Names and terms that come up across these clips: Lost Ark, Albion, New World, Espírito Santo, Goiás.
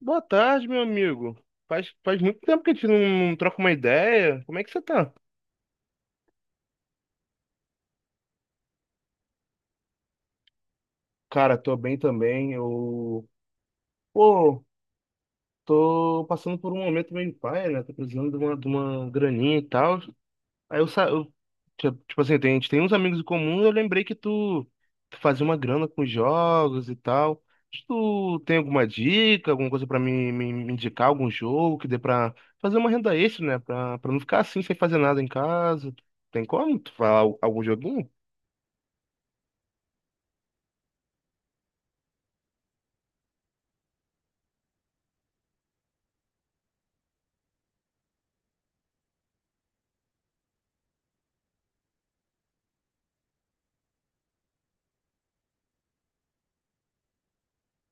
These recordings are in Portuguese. Boa tarde, meu amigo. Faz muito tempo que a gente não troca uma ideia. Como é que você tá? Cara, tô bem também. Pô, tô passando por um momento meio paia, né? Tô precisando de uma graninha e tal. Aí eu, sa- eu ti- tipo assim, tem- A gente tem uns amigos em comum, eu lembrei que tu fazia uma grana com jogos e tal. Tu tem alguma dica, alguma coisa pra me indicar, algum jogo que dê pra fazer uma renda extra, né? Pra não ficar assim sem fazer nada em casa. Tem como tu falar algum joguinho?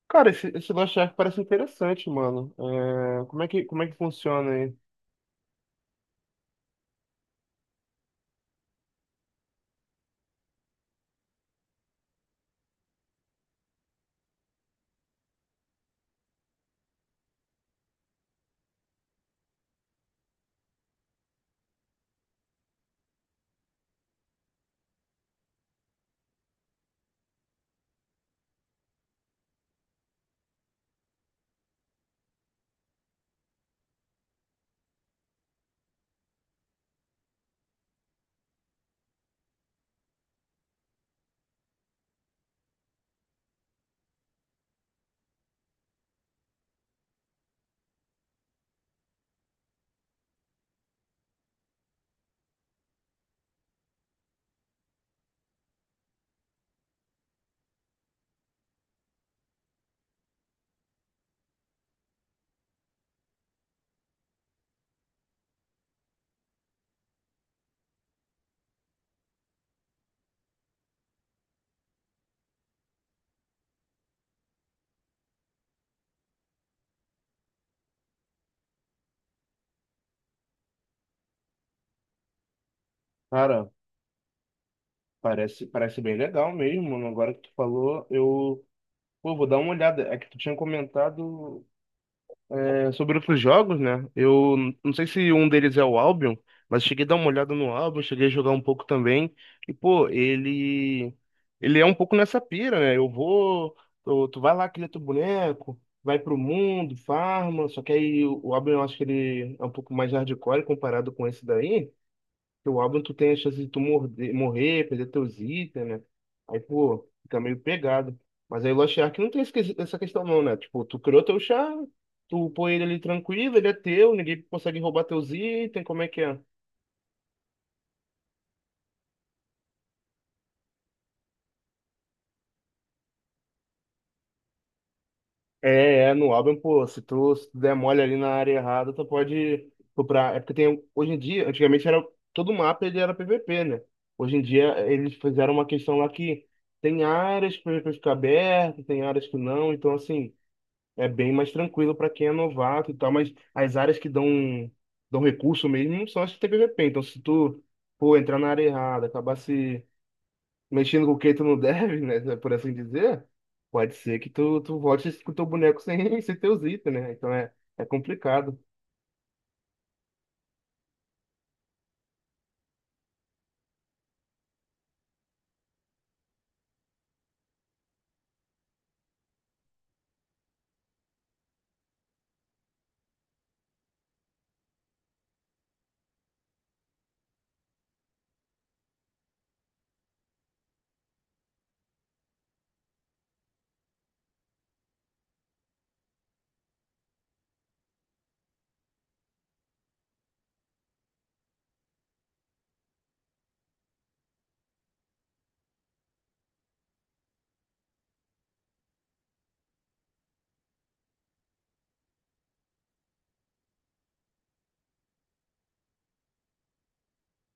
Cara, esse Lost Ark parece interessante, mano. É, como é que funciona aí? Cara, parece bem legal mesmo, mano. Agora que tu falou, eu. Pô, vou dar uma olhada. É que tu tinha comentado. É, sobre outros jogos, né? Eu não sei se um deles é o Albion, mas cheguei a dar uma olhada no Albion, cheguei a jogar um pouco também. E, pô, ele é um pouco nessa pira, né? Tu, tu vai lá, cria teu boneco, vai pro mundo, farma, só que aí o Albion eu acho que ele é um pouco mais hardcore comparado com esse daí. Teu álbum, tu tem a chance de tu morrer, perder teus itens, né? Aí, pô, fica meio pegado. Mas aí o Lost Ark não tem essa questão não, né? Tipo, tu criou teu char, tu põe ele ali tranquilo, ele é teu, ninguém consegue roubar teus itens, como é que é? No álbum, pô, se tu der mole ali na área errada, tu pode comprar. É porque tem, hoje em dia, antigamente era, todo mapa ele era PVP, né? Hoje em dia eles fizeram uma questão lá que tem áreas que o PVP fica aberto, tem áreas que não, então assim é bem mais tranquilo para quem é novato e tal, mas as áreas dão recurso mesmo são as que tem PVP. Então, se tu, pô, entrar na área errada, acabar se mexendo com o que tu não deve, né, por assim dizer, pode ser que tu volte com o teu boneco sem, sem teus itens, né? Então é complicado.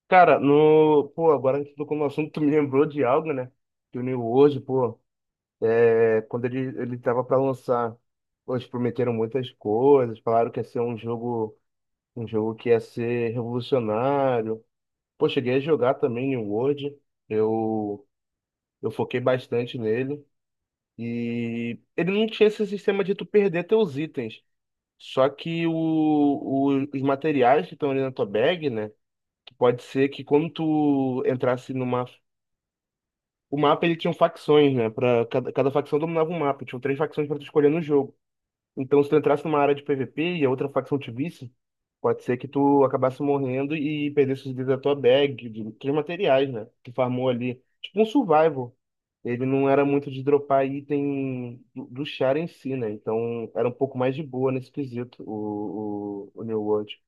Cara, no, pô, agora que tu tocou no assunto, tu me lembrou de algo, né? Que o New World, pô, é, quando ele tava para lançar, pô, eles prometeram muitas coisas, falaram que ia ser um jogo. Um jogo que ia ser revolucionário. Pô, cheguei a jogar também em World. Eu, eu foquei bastante nele. E ele não tinha esse sistema de tu perder teus itens. Só que os materiais que estão ali na tua bag, né? Que pode ser que quando tu entrasse numa. O mapa ele tinha um facções, né? Pra cada facção dominava um mapa. Tinham três facções pra tu escolher no jogo. Então, se tu entrasse numa área de PVP e a outra facção te visse, pode ser que tu acabasse morrendo e perdesse os itens da tua bag, de teus materiais, né? Que farmou ali. Tipo um survival. Ele não era muito de dropar item do char em si, né? Então, era um pouco mais de boa nesse quesito, o New World.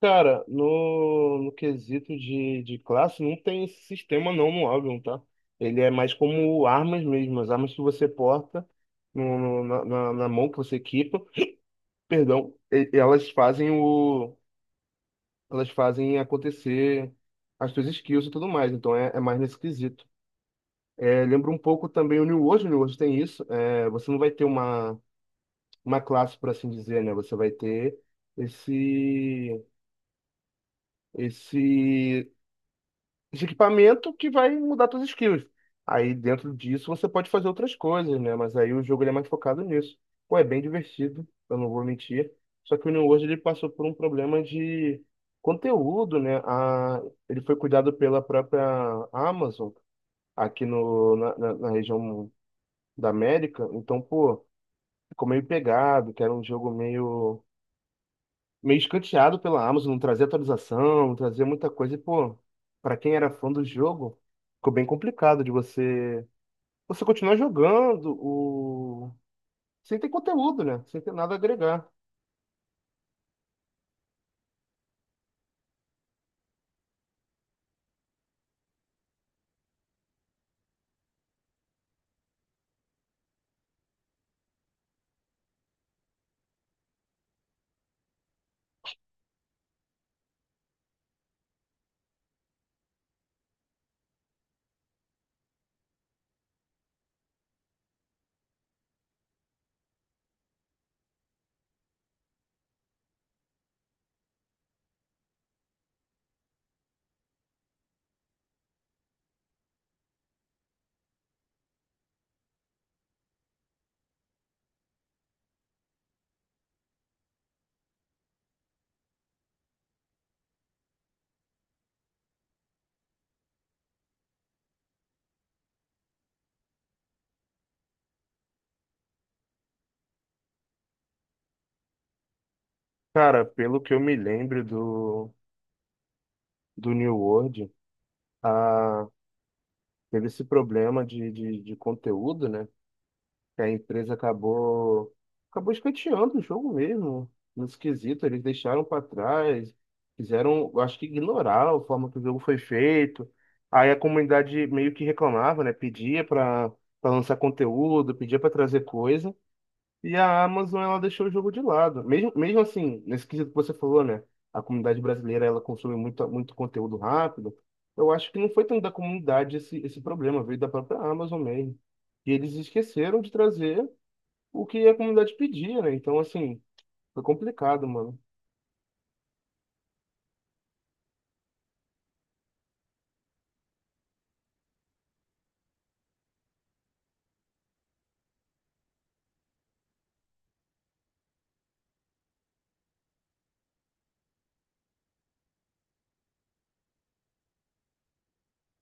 Cara, no, no quesito de classe, não tem esse sistema não no Albion, tá? Ele é mais como armas mesmo, as armas que você porta na mão que você equipa. Perdão, elas fazem o, elas fazem acontecer as suas skills e tudo mais, então é mais nesse quesito. É, lembra um pouco também o New World tem isso, é, você não vai ter uma classe, por assim dizer, né? Você vai ter esse, esse de equipamento que vai mudar suas skills. Aí dentro disso você pode fazer outras coisas, né? Mas aí o jogo ele é mais focado nisso. Pô, é bem divertido, eu não vou mentir. Só que o New World ele passou por um problema de conteúdo, né? A, ele foi cuidado pela própria Amazon aqui no, na, na, na região da América. Então, pô, ficou meio pegado, que era um jogo meio escanteado pela Amazon, não trazia atualização, não trazia muita coisa. E, pô, pra quem era fã do jogo, ficou bem complicado de você continuar jogando o... sem ter conteúdo, né? Sem ter nada a agregar. Cara, pelo que eu me lembro do New World, a... teve esse problema de conteúdo, né? Que a empresa acabou escanteando o jogo mesmo, no esquisito, eles deixaram para trás, fizeram, eu acho que ignorar a forma que o jogo foi feito. Aí a comunidade meio que reclamava, né, pedia para lançar conteúdo, pedia para trazer coisa, e a Amazon ela deixou o jogo de lado. Mesmo assim, nesse quesito que você falou, né, a comunidade brasileira ela consome muito conteúdo rápido. Eu acho que não foi tanto da comunidade esse problema, veio da própria Amazon mesmo. E eles esqueceram de trazer o que a comunidade pedia, né? Então, assim, foi complicado, mano.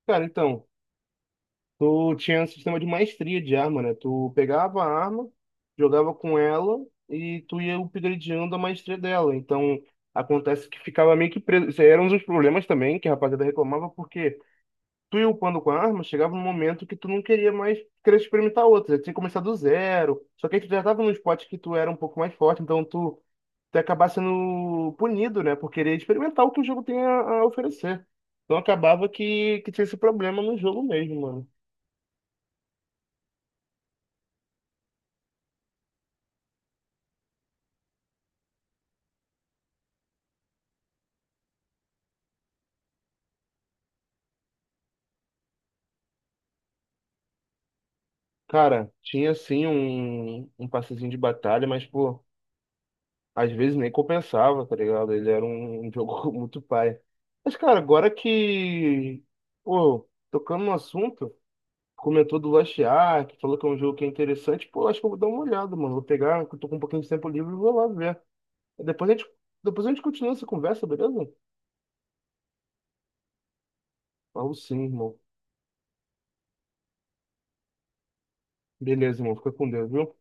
Cara, então, tu tinha um sistema de maestria de arma, né? Tu pegava a arma, jogava com ela e tu ia upgradeando a maestria dela. Então, acontece que ficava meio que preso. Isso aí era um dos problemas também que a rapaziada reclamava, porque tu ia upando com a arma, chegava um momento que tu não queria mais querer experimentar outra. Tinha que começar do zero. Só que aí tu já tava num spot que tu era um pouco mais forte, então tu até acabar sendo punido, né, por querer experimentar o que o jogo tem a oferecer. Então acabava que tinha esse problema no jogo mesmo, mano. Cara, tinha sim um passezinho de batalha, mas, pô, às vezes nem compensava, tá ligado? Ele era um jogo muito pai. Mas, cara, agora que, pô, tocando no assunto, comentou do Lost Ark, falou que é um jogo que é interessante, pô, acho que eu vou dar uma olhada, mano. Vou pegar, que eu tô com um pouquinho de tempo livre e vou lá ver. Depois a gente, depois a gente continua essa conversa, beleza? Ou sim, irmão. Beleza, irmão. Fica com Deus, viu?